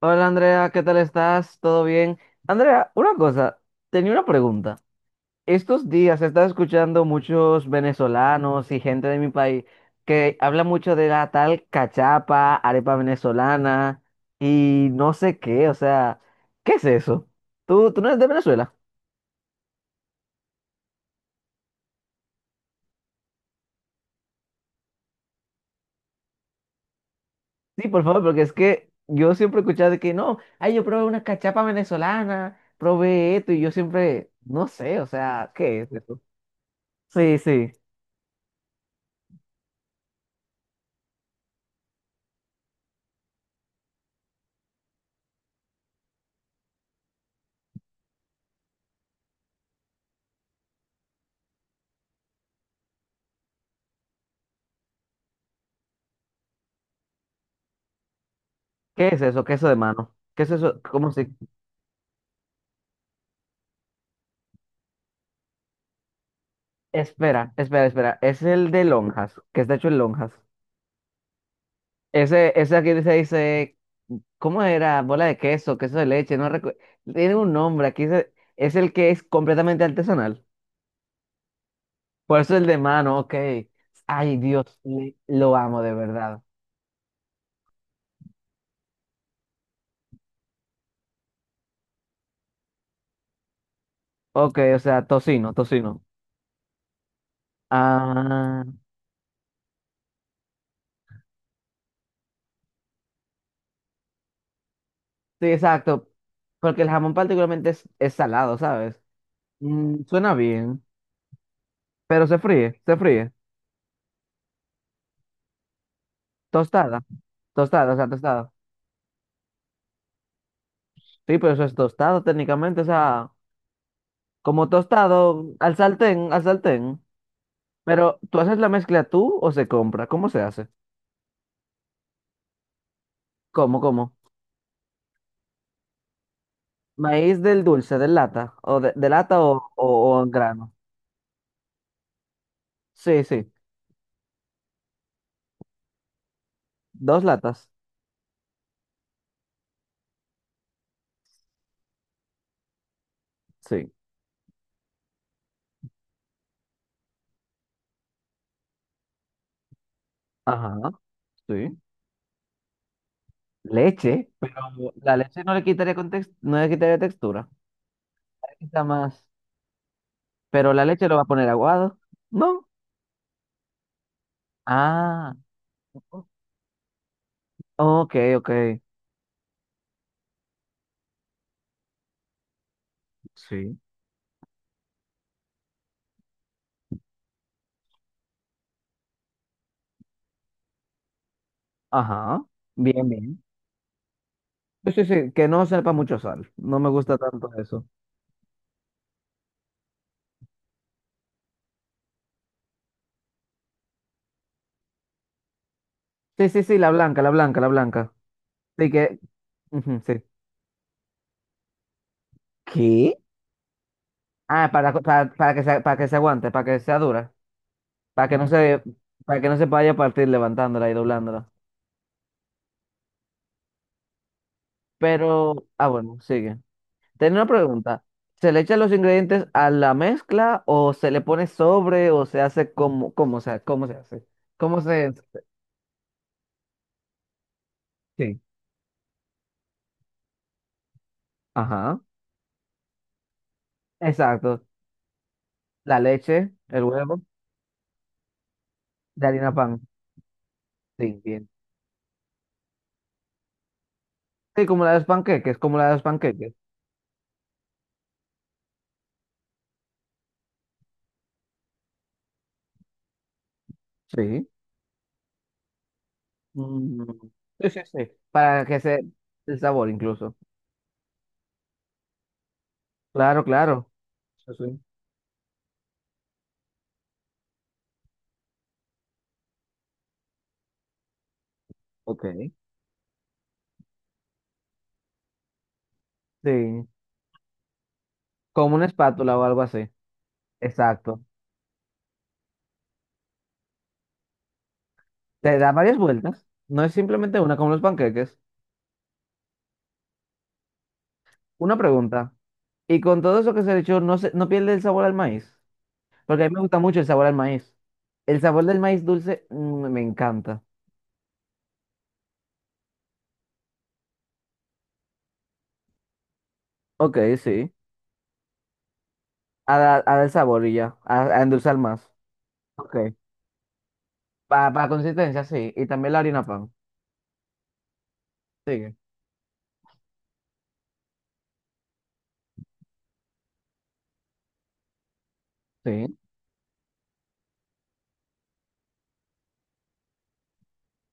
Hola Andrea, ¿qué tal estás? ¿Todo bien? Andrea, una cosa, tenía una pregunta. Estos días he estado escuchando muchos venezolanos y gente de mi país que habla mucho de la tal cachapa, arepa venezolana y no sé qué, o sea, ¿qué es eso? ¿Tú no eres de Venezuela? Sí, por favor, porque es que yo siempre he escuchado de que no, ay, yo probé una cachapa venezolana, probé esto y yo siempre, no sé, o sea, ¿qué es eso? Sí, sí. ¿Qué es eso? ¿Queso de mano? ¿Qué es eso? ¿Cómo se? Espera, espera, espera. Es el de lonjas, que está hecho en lonjas. Ese aquí se dice, ¿cómo era? Bola de queso, queso de leche, no recuerdo. Tiene un nombre, aquí es el que es completamente artesanal. Por eso el de mano, ok. Ay, Dios, lo amo de verdad. Ok, o sea, tocino, tocino. Ah, sí, exacto. Porque el jamón particularmente es salado, ¿sabes? Suena bien, pero se fríe, se fríe. Tostada. Tostada, o sea, tostado. Sí, pero eso es tostado técnicamente, o sea, como tostado al sartén, al sartén. Pero, ¿tú haces la mezcla tú o se compra? ¿Cómo se hace? ¿Cómo? Maíz del dulce, de lata, o de lata o en grano. Sí, sí. Dos latas. Sí. Ajá, sí. Leche, pero la leche no le quitaría context, no le quitaría textura. Le quita más. Pero la leche lo va a poner aguado. ¿No? Ah, ok, ok. Sí. Ajá, bien, bien. Sí, sí, sí, que no sepa mucho sal. No me gusta tanto eso. Sí, sí, sí, la blanca, la blanca, la blanca. Sí, que. Ujú, sí. ¿Qué? Ah, para que se aguante, para que sea dura. Para que no se, para que no se vaya a partir levantándola y doblándola. Pero, ah, bueno, sigue. Tenía una pregunta. ¿Se le echan los ingredientes a la mezcla o se le pone sobre o se hace como, cómo se hace? ¿Cómo se? Sí. Ajá. Exacto. La leche, el huevo. De harina pan. Sí, bien. Sí, como la de los panqueques, como la de los panqueques. Sí. Mm. Sí, sí, sí. Para que se El sabor incluso. Claro, claro. Sí, sí. Ok. Sí. Como una espátula o algo así. Exacto. Te da varias vueltas. No es simplemente una como los panqueques. Una pregunta. Y con todo eso que se ha dicho, no pierde el sabor al maíz. Porque a mí me gusta mucho el sabor al maíz. El sabor del maíz dulce, me encanta. Ok, sí. A, da a dar sabor y ya. A endulzar más. Ok. Para pa consistencia, sí. Y también la harina pan. Sigue. Sí.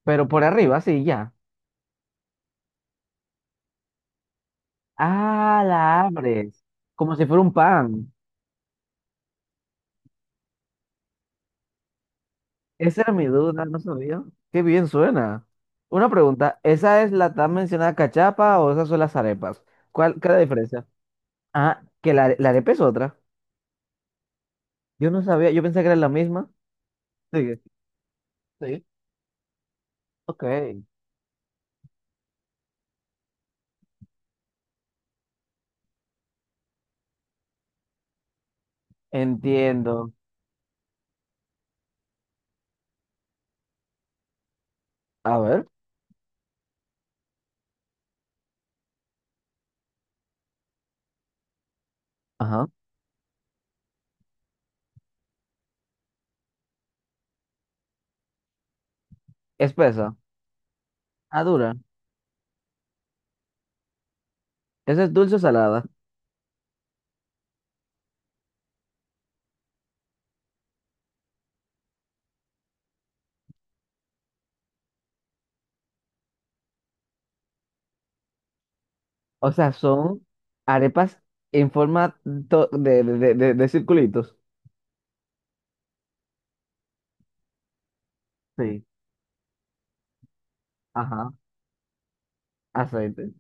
Pero por arriba, sí, ya. Ah, la abres. Como si fuera un pan. Esa era mi duda, no sabía. Qué bien suena. Una pregunta, ¿esa es la tan mencionada cachapa o esas son las arepas? ¿Qué es la diferencia? Ah, que la arepa es otra. Yo no sabía, yo pensé que era la misma. Sigue. Sí. Ok. Entiendo. A ver. Ajá. Espesa. Ah, dura. ¿Esa es dulce o salada? O sea, son arepas en forma de circulitos. Sí, ajá. Aceite.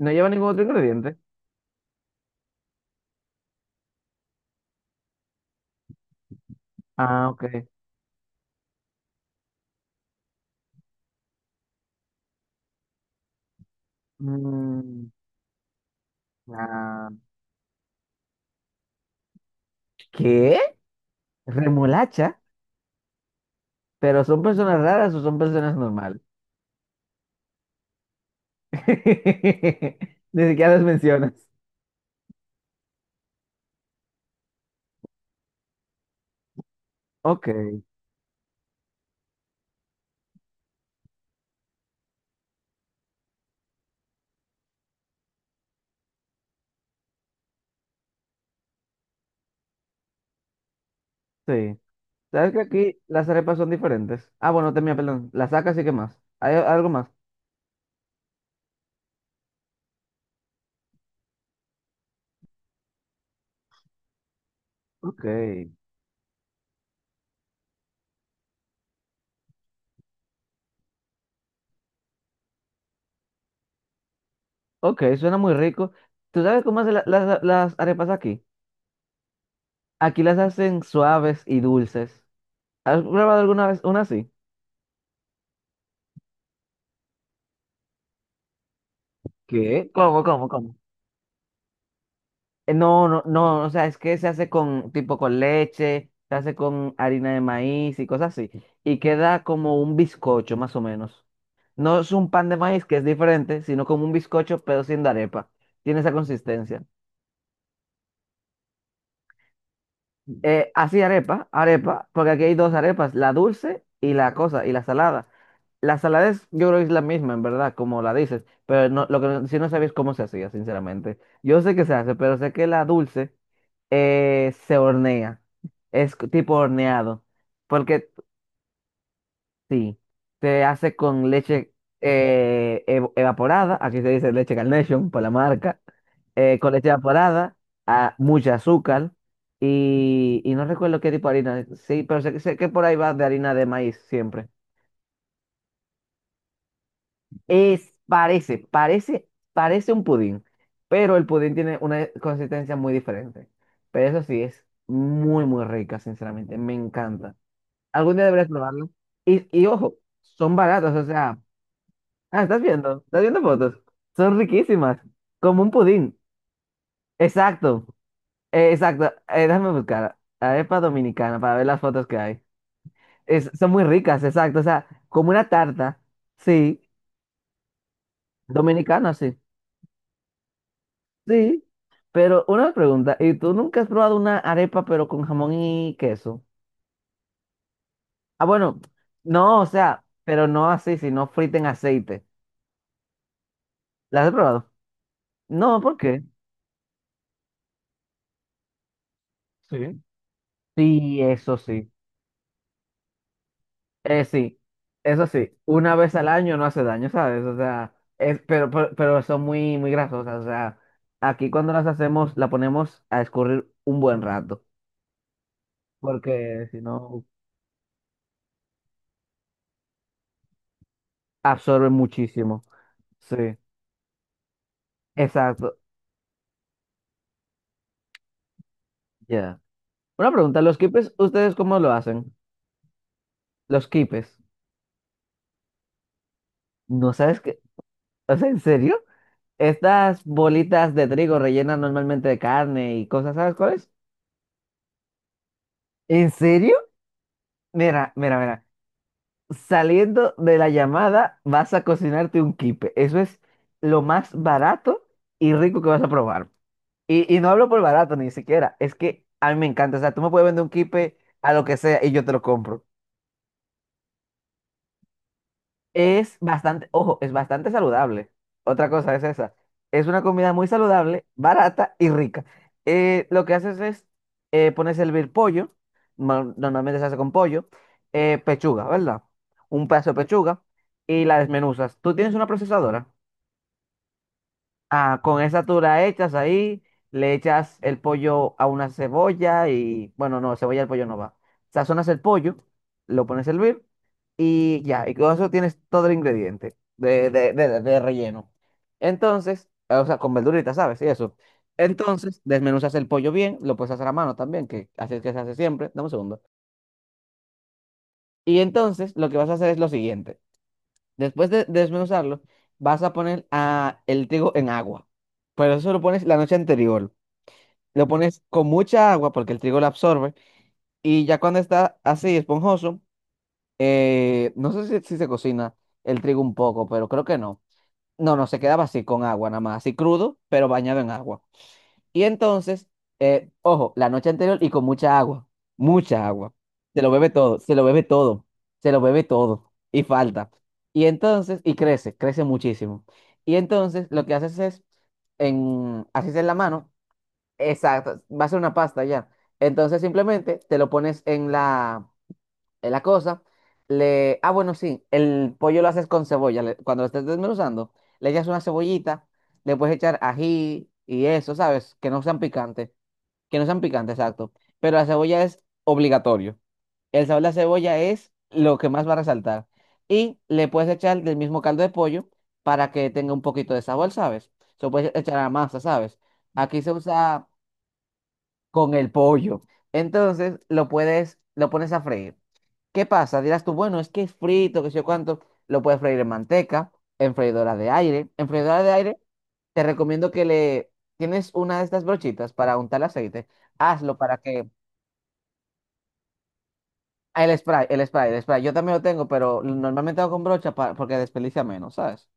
No lleva ningún otro ingrediente. Ah, ok. Mm, ah, ¿qué? Remolacha. Pero son personas raras o son personas normales. Ni siquiera las mencionas. Ok. Sí. ¿Sabes que aquí las arepas son diferentes? Ah, bueno, termina, perdón. Las sacas y qué más. ¿Hay algo más? Ok. Ok, suena muy rico. ¿Tú sabes cómo hacen las arepas aquí? Aquí las hacen suaves y dulces. ¿Has probado alguna vez una así? ¿Qué? ¿Cómo, cómo, cómo? No, no, no, o sea, es que se hace con, tipo con leche, se hace con harina de maíz y cosas así. Y queda como un bizcocho, más o menos. No es un pan de maíz, que es diferente, sino como un bizcocho, pero sin arepa. Tiene esa consistencia. Así arepa, arepa, porque aquí hay dos arepas, la dulce y la cosa, y la salada. La salada es, yo creo que es la misma, en verdad, como la dices, pero no, lo que no- si no sabías cómo se hacía, sinceramente. Yo sé que se hace, pero sé que la dulce se hornea, tipo horneado, porque sí, se hace con leche evaporada, aquí se dice leche Carnation por la marca, con leche evaporada, a, mucha azúcar y no recuerdo qué tipo de harina, sí, pero sé que por ahí va de harina de maíz siempre. Parece, parece, parece un pudín, pero el pudín tiene una consistencia muy diferente. Pero eso sí, es muy, muy rica, sinceramente, me encanta. Algún día deberías probarlo. Y ojo, son baratos, o sea. Ah, estás viendo fotos. Son riquísimas, como un pudín. Exacto, exacto. Déjame buscar arepa dominicana para ver las fotos que hay. Son muy ricas, exacto. O sea, como una tarta, sí, dominicana, sí, sí. Pero una pregunta, ¿y tú nunca has probado una arepa pero con jamón y queso? Ah, bueno, no, o sea, pero no así, sino frita en aceite. ¿Las has probado? No, ¿por qué? Sí. Sí, eso sí. Sí, eso sí, una vez al año no hace daño, ¿sabes? O sea, pero son muy, muy grasosas. O sea, aquí cuando las hacemos, la ponemos a escurrir un buen rato, porque si no, absorben muchísimo. Sí, exacto. Ya. Una pregunta, ¿los quipes, ustedes cómo lo hacen? Los quipes, ¿no sabes qué? O sea, ¿en serio? Estas bolitas de trigo rellenas normalmente de carne y cosas, ¿sabes cuáles? ¿En serio? Mira, mira, mira. Saliendo de la llamada, vas a cocinarte un quipe. Eso es lo más barato y rico que vas a probar. Y no hablo por barato ni siquiera. Es que a mí me encanta. O sea, tú me puedes vender un quipe a lo que sea y yo te lo compro. Es bastante, ojo, es bastante saludable. Otra cosa es esa. Es una comida muy saludable, barata y rica. Lo que haces es, pones a hervir pollo, normalmente se hace con pollo, pechuga, ¿verdad? Un pedazo de pechuga y la desmenuzas. ¿Tú tienes una procesadora? Ah, con esa tú la echas ahí, le echas el pollo a una cebolla y, bueno, no, cebolla al pollo no va. Sazonas el pollo, lo pones a hervir y ya, y con eso tienes todo el ingrediente de relleno. Entonces, o sea, con verduritas, ¿sabes? Y eso. Entonces, desmenuzas el pollo bien, lo puedes hacer a mano también, que así es que se hace siempre. Dame un segundo. Y entonces, lo que vas a hacer es lo siguiente. Después de desmenuzarlo, vas a poner a el trigo en agua. Pero eso lo pones la noche anterior. Lo pones con mucha agua porque el trigo la absorbe y ya cuando está así esponjoso, no sé si se cocina el trigo un poco, pero creo que no. No, no, se quedaba así con agua nada más, así crudo, pero bañado en agua. Y entonces, ojo, la noche anterior y con mucha agua, mucha agua. Se lo bebe todo, se lo bebe todo, se lo bebe todo y falta. Y entonces, y crece, crece muchísimo. Y entonces lo que haces es, haces en la mano. Exacto, va a ser una pasta ya. Entonces simplemente te lo pones en la cosa. Ah, bueno, sí, el pollo lo haces con cebolla. Cuando lo estés desmenuzando, le echas una cebollita, le puedes echar ají y eso, ¿sabes? Que no sean picantes, que no sean picantes, exacto. Pero la cebolla es obligatorio. El sabor de la cebolla es lo que más va a resaltar. Y le puedes echar del mismo caldo de pollo para que tenga un poquito de sabor, ¿sabes? Se lo puedes echar a la masa, ¿sabes? Aquí se usa con el pollo. Entonces lo pones a freír. ¿Qué pasa? Dirás tú, bueno, es que es frito, que sé yo cuánto. Lo puedes freír en manteca, en freidora de aire. En freidora de aire te recomiendo que le. Tienes una de estas brochitas para untar aceite. Hazlo para que. Ah, el spray, el spray, el spray. Yo también lo tengo, pero normalmente hago con brocha para. Porque desperdicia menos, ¿sabes?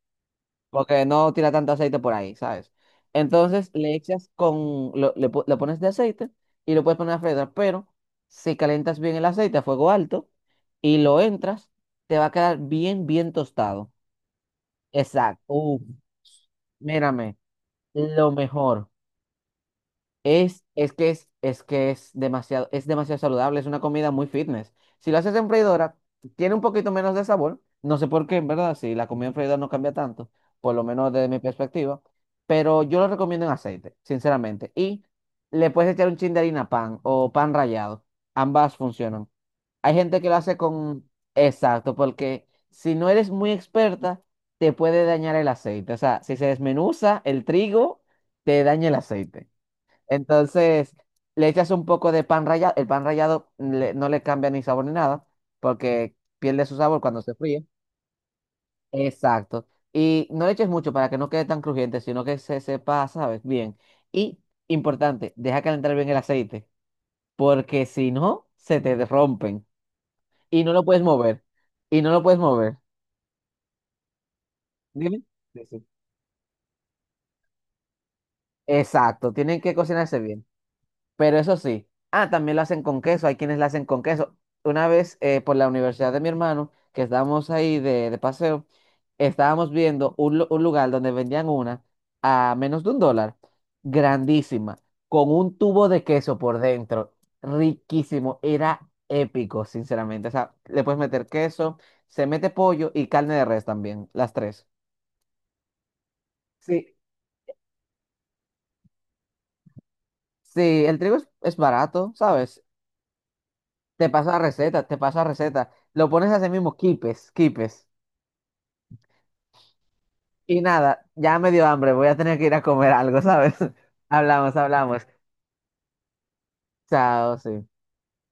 Porque no tira tanto aceite por ahí, ¿sabes? Entonces le echas con, lo- le, po- le pones de aceite y lo puedes poner a freír, pero si calientas bien el aceite a fuego alto y lo entras, te va a quedar bien, bien tostado. Exacto. Uf, mírame, lo mejor. Es que es demasiado saludable, es una comida muy fitness. Si lo haces en freidora, tiene un poquito menos de sabor. No sé por qué, en verdad, si la comida en freidora no cambia tanto, por lo menos desde mi perspectiva. Pero yo lo recomiendo en aceite, sinceramente. Y le puedes echar un chin de harina pan o pan rallado. Ambas funcionan. Hay gente que lo hace con. Exacto, porque si no eres muy experta, te puede dañar el aceite. O sea, si se desmenuza el trigo, te daña el aceite. Entonces, le echas un poco de pan rallado. El pan rallado no le cambia ni sabor ni nada, porque pierde su sabor cuando se fríe. Exacto. Y no le eches mucho para que no quede tan crujiente, sino que se sepa, ¿sabes? Bien. Y, importante, deja calentar bien el aceite, porque si no, se te rompen. Y no lo puedes mover. Y no lo puedes mover. Dime. Sí, sí. Exacto. Tienen que cocinarse bien. Pero eso sí, ah, también lo hacen con queso, hay quienes lo hacen con queso. Una vez por la universidad de mi hermano, que estábamos ahí de paseo, estábamos viendo un lugar donde vendían una a menos de $1, grandísima, con un tubo de queso por dentro, riquísimo, era épico, sinceramente. O sea, le puedes meter queso, se mete pollo y carne de res también, las tres. Sí, sí, el trigo es barato, ¿sabes? Te paso la receta, te paso la receta. Lo pones así mismo, quipes, quipes. Y nada, ya me dio hambre, voy a tener que ir a comer algo, ¿sabes? Hablamos, hablamos. Chao, sí.